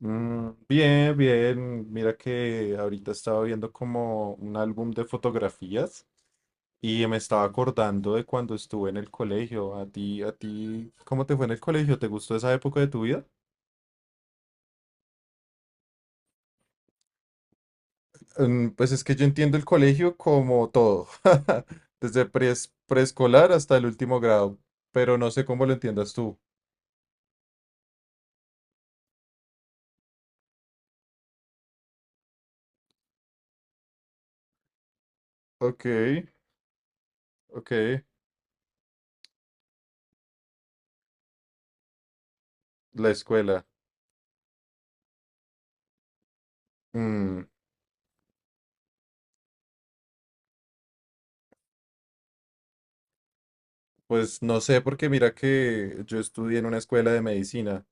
Bien, bien. Mira que ahorita estaba viendo como un álbum de fotografías y me estaba acordando de cuando estuve en el colegio. A ti, ¿cómo te fue en el colegio? ¿Te gustó esa época de tu vida? Pues es que yo entiendo el colegio como todo, desde preescolar hasta el último grado, pero no sé cómo lo entiendas tú. Ok, ok. La escuela. Mm, pues no sé, porque mira que yo estudié en una escuela de medicina.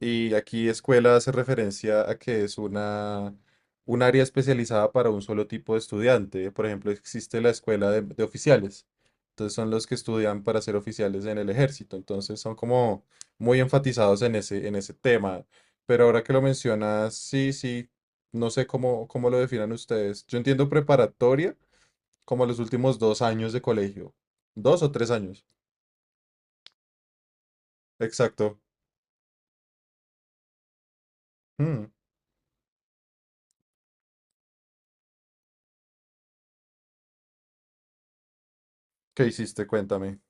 Y aquí escuela hace referencia a que es una, un área especializada para un solo tipo de estudiante. Por ejemplo, existe la escuela de oficiales. Entonces son los que estudian para ser oficiales en el ejército. Entonces son como muy enfatizados en ese tema. Pero ahora que lo mencionas, sí, sí, no sé cómo lo definan ustedes. Yo entiendo preparatoria como los últimos dos años de colegio. Dos o tres años. Exacto. Mm, ¿Qué hiciste? Cuéntame.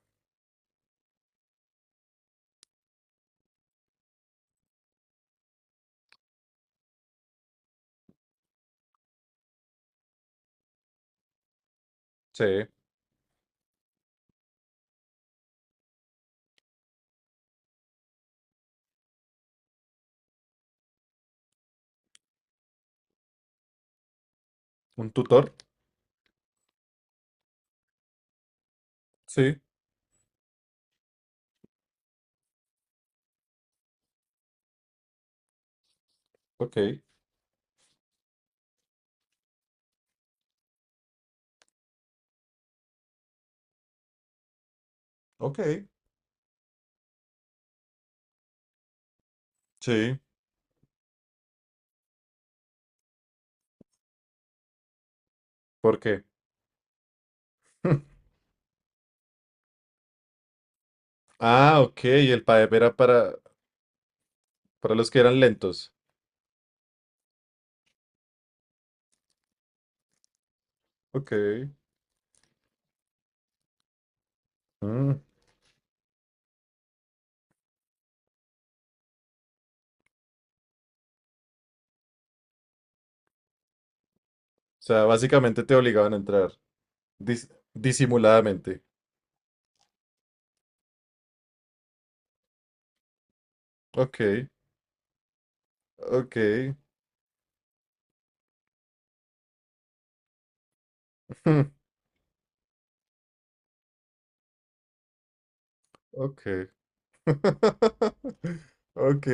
Sí. ¿Un tutor? Sí. Ok, ok, sí, ¿por qué? Ah, ok, el PAEP era para los que eran lentos. Ok. O sea, básicamente te obligaban a entrar dis- disimuladamente. Ok, ok, ok. Ok,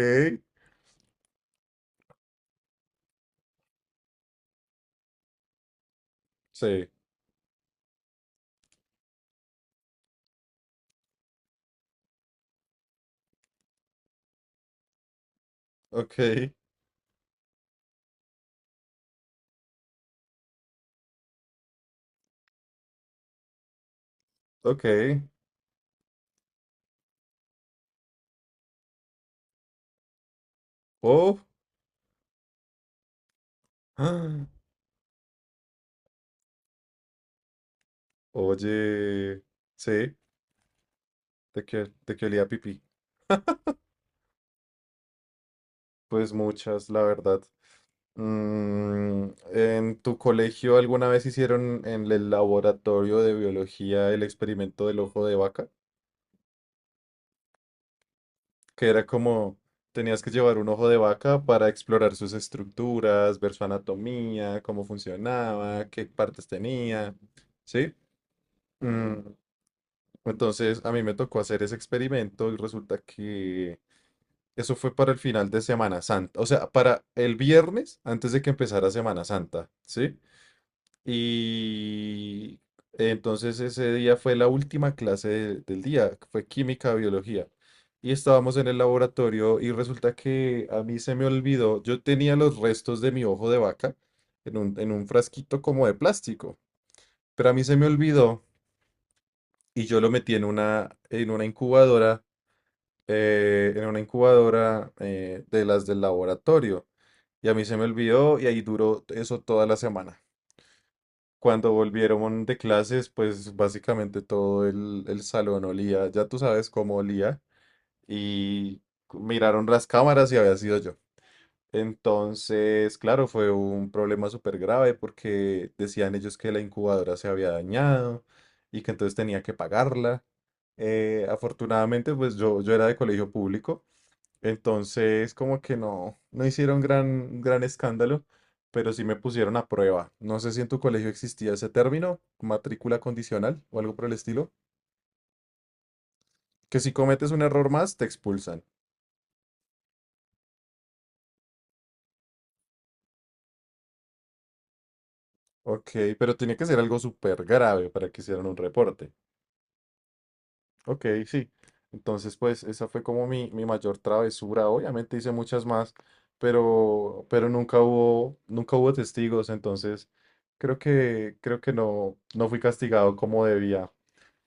sí, ok, ok. Oh, ah, oye, sí, de qué olía pipí? Pues muchas, la verdad. ¿En tu colegio alguna vez hicieron en el laboratorio de biología el experimento del ojo de vaca? Que era como tenías que llevar un ojo de vaca para explorar sus estructuras, ver su anatomía, cómo funcionaba, qué partes tenía, ¿sí? Mm, entonces a mí me tocó hacer ese experimento y resulta que eso fue para el final de Semana Santa, o sea, para el viernes antes de que empezara Semana Santa, ¿sí? Y entonces ese día fue la última clase del día, que fue química, biología. Y estábamos en el laboratorio y resulta que a mí se me olvidó, yo tenía los restos de mi ojo de vaca en un frasquito como de plástico, pero a mí se me olvidó y yo lo metí en una incubadora, en una incubadora de las del laboratorio. Y a mí se me olvidó y ahí duró eso toda la semana. Cuando volvieron de clases, pues básicamente todo el salón olía, ya tú sabes cómo olía, y miraron las cámaras y había sido yo. Entonces, claro, fue un problema súper grave porque decían ellos que la incubadora se había dañado y que entonces tenía que pagarla. Afortunadamente, pues yo era de colegio público. Entonces, como que no, no hicieron gran escándalo, pero sí me pusieron a prueba. No sé si en tu colegio existía ese término, matrícula condicional o algo por el estilo, que si cometes un error más, te expulsan. Ok, pero tiene que ser algo súper grave para que hicieran un reporte. Ok, sí. Entonces, pues esa fue como mi mayor travesura. Obviamente hice muchas más, pero nunca hubo, nunca hubo testigos, entonces creo que no, no fui castigado como debía.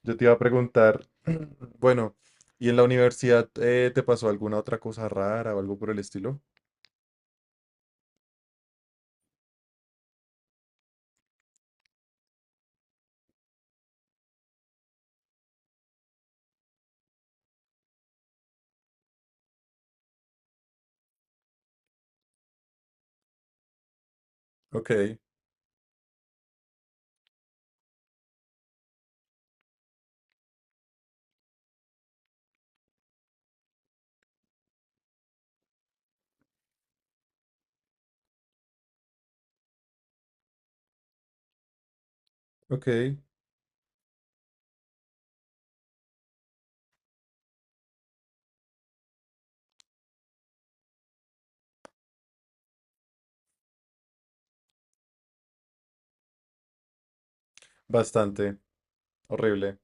Yo te iba a preguntar, bueno, ¿y en la universidad te pasó alguna otra cosa rara o algo por el estilo? Ok, ok, bastante, horrible.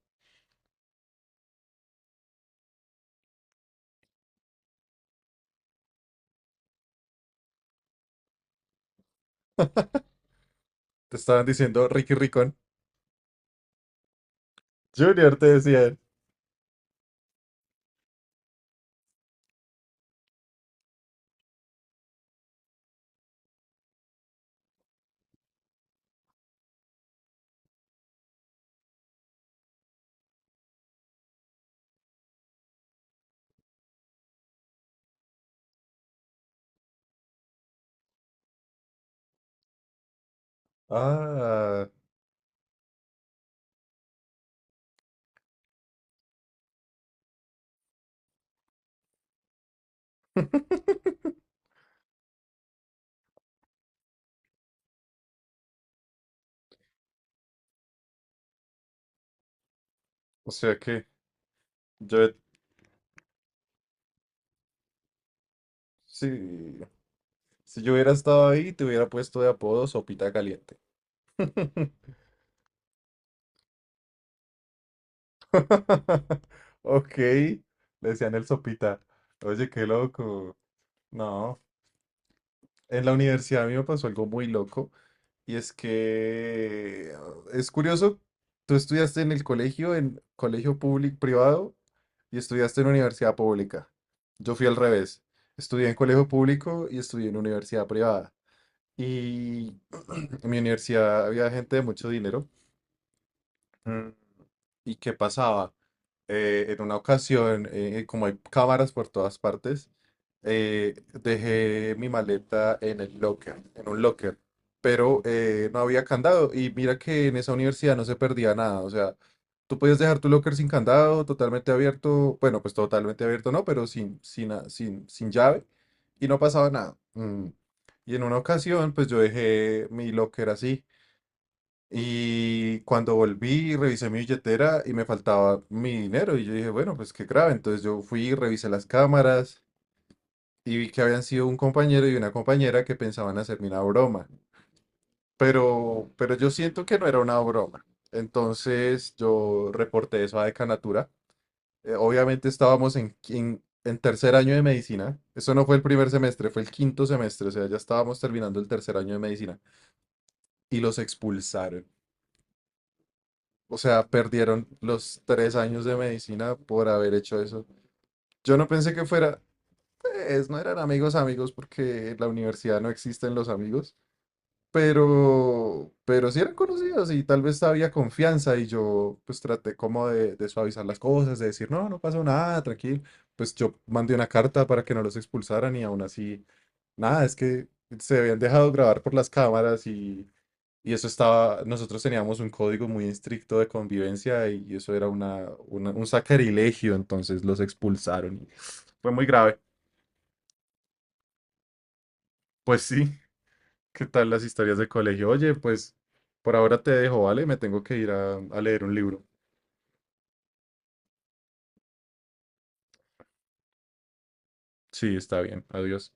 Te estaban diciendo Ricky Ricón. Junior te decían. Ah, o sea que yo, sí, si yo hubiera estado ahí, te hubiera puesto de apodo Sopita Caliente. Ok, le decían el Sopita. Oye, qué loco. No, en la universidad a mí me pasó algo muy loco y es que es curioso, tú estudiaste en el colegio, en colegio público privado y estudiaste en universidad pública. Yo fui al revés. Estudié en colegio público y estudié en universidad privada. Y en mi universidad había gente de mucho dinero. Mm. ¿Y qué pasaba? En una ocasión, como hay cámaras por todas partes, dejé mi maleta en el locker, en un locker, pero no había candado. Y mira que en esa universidad no se perdía nada. O sea, tú podías dejar tu locker sin candado, totalmente abierto. Bueno, pues totalmente abierto no, pero sin, sin, a- sin, sin llave. Y no pasaba nada. Mm. Y en una ocasión, pues yo dejé mi locker así. Y cuando volví, revisé mi billetera y me faltaba mi dinero. Y yo dije, bueno, pues qué grave. Entonces yo fui, revisé las cámaras y vi que habían sido un compañero y una compañera que pensaban hacerme una broma. Pero yo siento que no era una broma. Entonces yo reporté eso a Decanatura. Obviamente estábamos en, en 3.er año de medicina. Eso no fue el primer semestre, fue el 5.º semestre. O sea, ya estábamos terminando el 3.er año de medicina. Y los expulsaron. O sea, perdieron los 3 años de medicina por haber hecho eso. Yo no pensé que fuera, pues no eran amigos amigos porque en la universidad no existen los amigos, pero sí eran conocidos y tal vez había confianza y yo pues traté como de suavizar las cosas, de decir, no, no pasa nada, tranquilo. Pues yo mandé una carta para que no los expulsaran y aún así, nada, es que se habían dejado grabar por las cámaras y eso estaba, nosotros teníamos un código muy estricto de convivencia y eso era un sacrilegio, entonces los expulsaron. Y fue muy grave. Pues sí, ¿qué tal las historias de colegio? Oye, pues por ahora te dejo, ¿vale? Me tengo que ir a leer un libro. Sí, está bien, adiós.